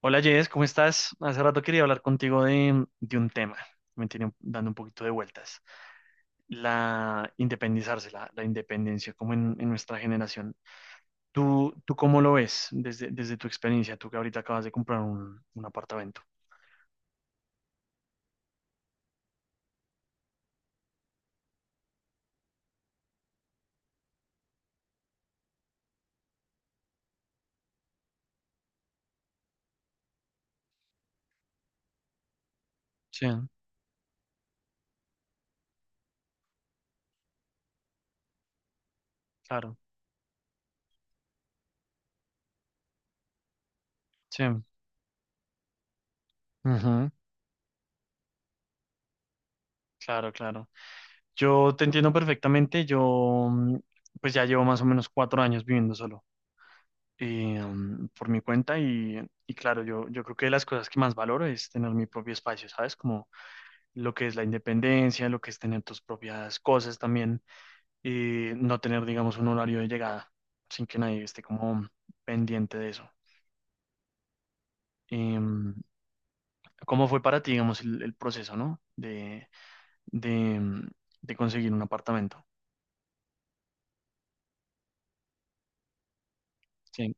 Hola Jess, ¿cómo estás? Hace rato quería hablar contigo de un tema que me tiene dando un poquito de vueltas. La independizarse, la independencia, como en nuestra generación. ¿Tú cómo lo ves desde tu experiencia? Tú que ahorita acabas de comprar un apartamento. Sí, claro, sí. Ujú. Claro, claro. Yo te entiendo perfectamente. Pues ya llevo más o menos 4 años viviendo solo, por mi cuenta, y claro, yo creo que de las cosas que más valoro es tener mi propio espacio, ¿sabes? Como lo que es la independencia, lo que es tener tus propias cosas también y no tener, digamos, un horario de llegada sin que nadie esté como pendiente de eso. Eh, mm, ¿Cómo fue para ti, digamos, el proceso, ¿no? De, mm, de conseguir un apartamento. Sí,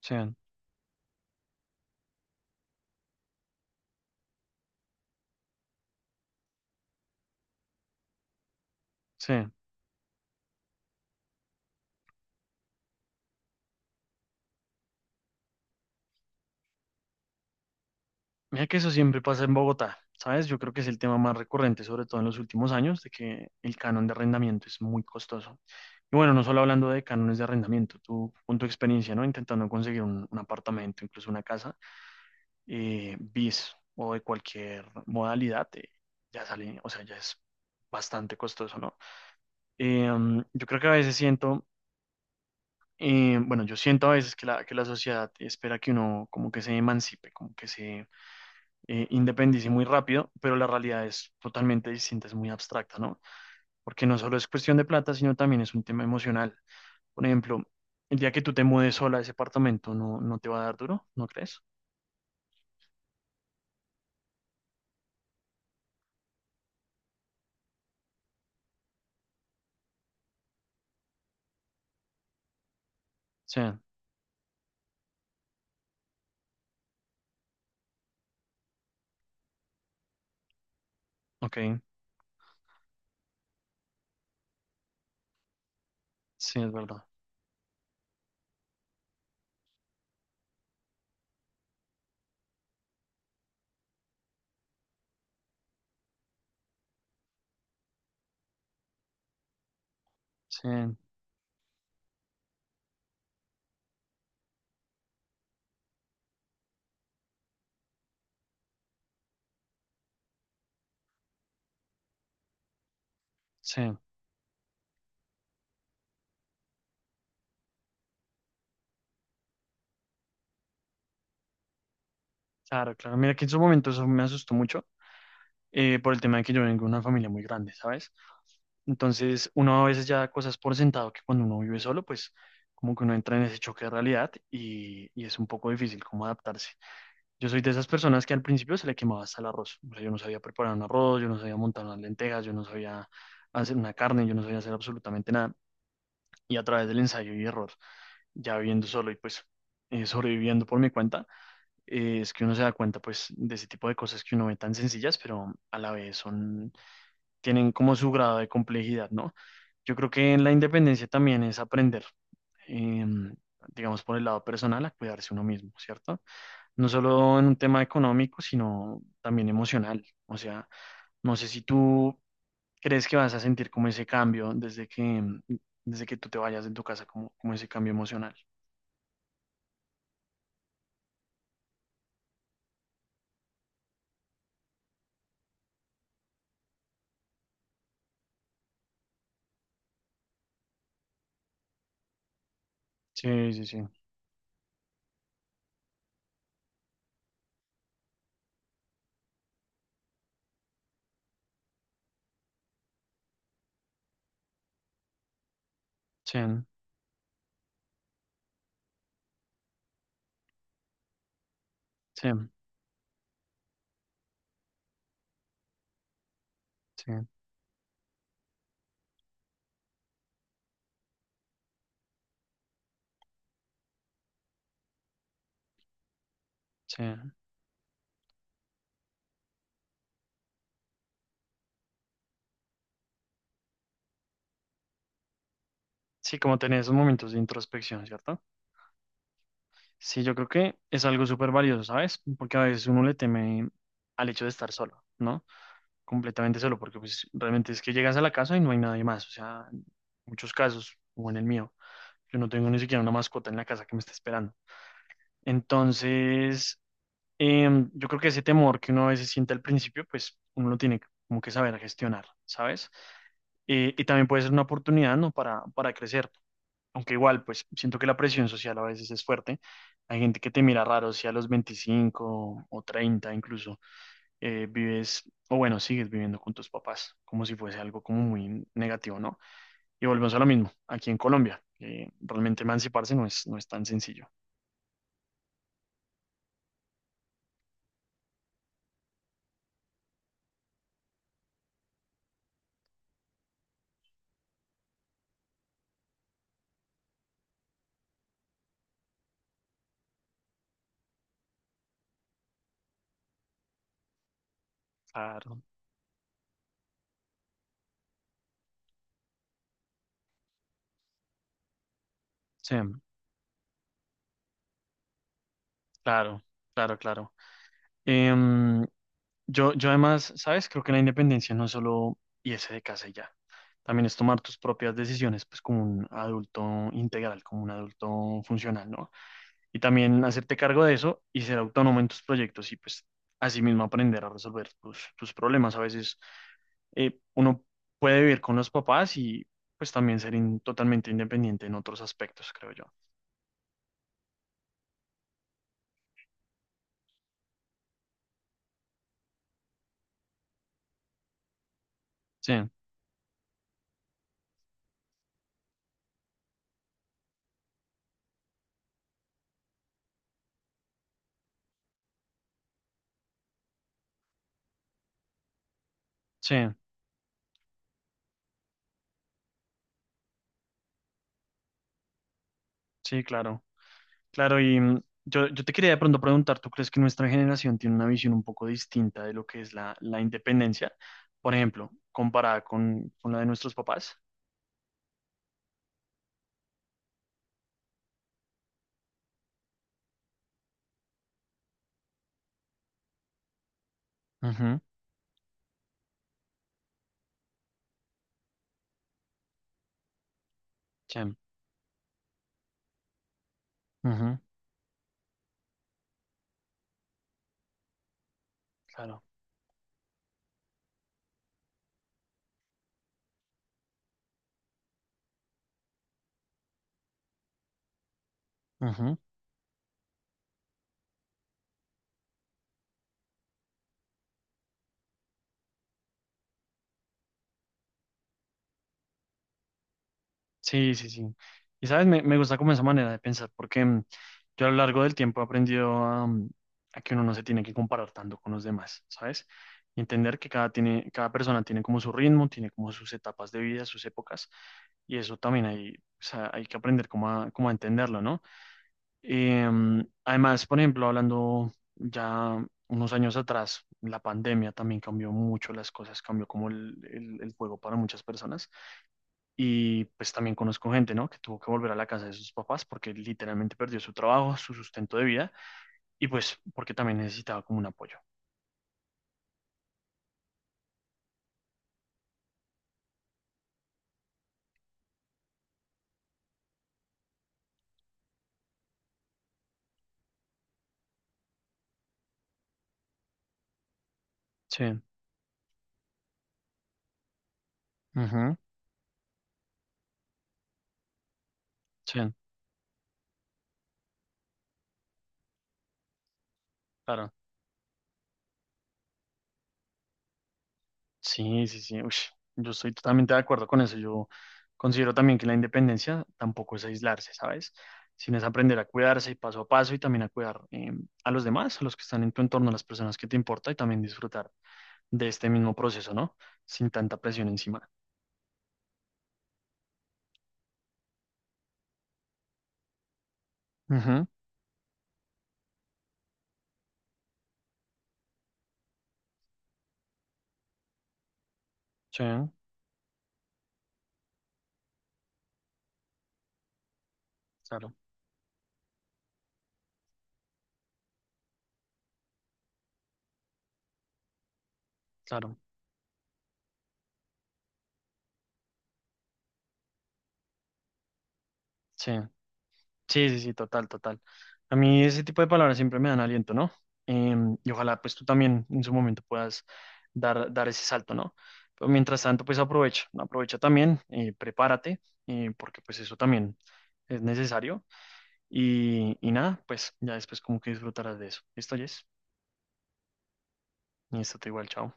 sí, sí. Mira que eso siempre pasa en Bogotá, ¿sabes? Yo creo que es el tema más recurrente, sobre todo en los últimos años, de que el canon de arrendamiento es muy costoso. Y bueno, no solo hablando de cánones de arrendamiento, tú con tu experiencia, ¿no? Intentando conseguir un apartamento, incluso una casa, bis o de cualquier modalidad, ya sale, o sea, ya es bastante costoso, ¿no? Yo creo que a veces siento, bueno, yo siento a veces que que la sociedad espera que uno como que se emancipe, como que se independísimo y muy rápido, pero la realidad es totalmente distinta, es muy abstracta, ¿no? Porque no solo es cuestión de plata, sino también es un tema emocional. Por ejemplo, el día que tú te mudes sola a ese apartamento, ¿no, no te va a dar duro? ¿No crees? Sí, ok, sí, es verdad. Sí, sí, claro, claro. Mira que en su momento eso me asustó mucho, por el tema de que yo vengo de una familia muy grande, ¿sabes? Entonces, uno a veces ya da cosas por sentado que cuando uno vive solo, pues como que uno entra en ese choque de realidad y es un poco difícil como adaptarse. Yo soy de esas personas que al principio se le quemaba hasta el arroz. O sea, yo no sabía preparar un arroz, yo no sabía montar unas lentejas, yo no sabía hacer una carne, yo no sabía hacer absolutamente nada. Y a través del ensayo y error, ya viviendo solo y pues sobreviviendo por mi cuenta, es que uno se da cuenta pues de ese tipo de cosas que uno ve tan sencillas, pero a la vez son, tienen como su grado de complejidad, ¿no? Yo creo que en la independencia también es aprender, em, digamos por el lado personal, a cuidarse uno mismo, ¿cierto? No solo en un tema económico, sino también emocional. O sea, no sé si tú crees que vas a sentir como ese cambio desde que tú te vayas de tu casa, como, como ese cambio emocional. Sí, sí, sí. Sí, sí, sí, sí. Sí, como tener esos momentos de introspección, ¿cierto? Sí, yo creo que es algo súper valioso, ¿sabes? Porque a veces uno le teme al hecho de estar solo, ¿no? Completamente solo, porque pues realmente es que llegas a la casa y no hay nadie más, o sea, en muchos casos, o en el mío. Yo no tengo ni siquiera una mascota en la casa que me esté esperando. Entonces, yo creo que ese temor que uno a veces siente al principio, pues uno lo tiene como que saber gestionar, ¿sabes? Y también puede ser una oportunidad, ¿no? Para crecer. Aunque igual, pues siento que la presión social a veces es fuerte. Hay gente que te mira raro si a los 25 o 30 incluso vives, o bueno, sigues viviendo con tus papás, como si fuese algo como muy negativo, ¿no? Y volvemos a lo mismo, aquí en Colombia, realmente emanciparse no es, no es tan sencillo. Claro, sí, claro, claro, claro. Em, yo además, ¿sabes? Creo que la independencia no es solo irse de casa y ya. También es tomar tus propias decisiones, pues como un adulto integral, como un adulto funcional, ¿no? Y también hacerte cargo de eso y ser autónomo en tus proyectos y pues asimismo aprender a resolver tus problemas. A veces uno puede vivir con los papás y pues también ser totalmente independiente en otros aspectos, creo yo. Sí, sí, sí, claro. Claro, y mm, yo te quería de pronto preguntar, ¿tú crees que nuestra generación tiene una visión un poco distinta de lo que es la independencia? Por ejemplo, comparada con la de nuestros papás. Ujú, sí, ujú, claro. Ujú. Sí, sí, sí. Y sabes, me gusta como esa manera de pensar, porque mm, yo a lo largo del tiempo he aprendido a, mm, a que uno no se tiene que comparar tanto con los demás, ¿sabes? Y entender que cada, tiene, cada persona tiene como su ritmo, tiene como sus etapas de vida, sus épocas, y eso también hay, o sea, hay que aprender como a, como a entenderlo, ¿no? Em, además, por ejemplo, hablando ya unos años atrás, la pandemia también cambió mucho las cosas, cambió como el juego para muchas personas y pues también conozco gente, ¿no? Que tuvo que volver a la casa de sus papás porque literalmente perdió su trabajo, su sustento de vida, y pues porque también necesitaba como un apoyo. Sí, ujú, sí, claro. Sí, sí, sí. Ush, yo estoy totalmente de acuerdo con eso. Yo considero también que la independencia tampoco es aislarse, ¿sabes? Sino es aprender a cuidarse y paso a paso y también a cuidar a los demás, a los que están en tu entorno, a las personas que te importa y también disfrutar de este mismo proceso, ¿no? Sin tanta presión encima. Ujú, sí, claro, claro. Sí, sí, sí, sí, total, total. A mí ese tipo de palabras siempre me dan aliento, ¿no? Em, y ojalá pues tú también en su momento puedas dar ese salto, ¿no? Pero mientras tanto, pues aprovecha, aprovecha también, prepárate, porque pues eso también es necesario. Y y nada, pues ya después como que disfrutarás de eso. Esto ya es, y esto te igual, chao.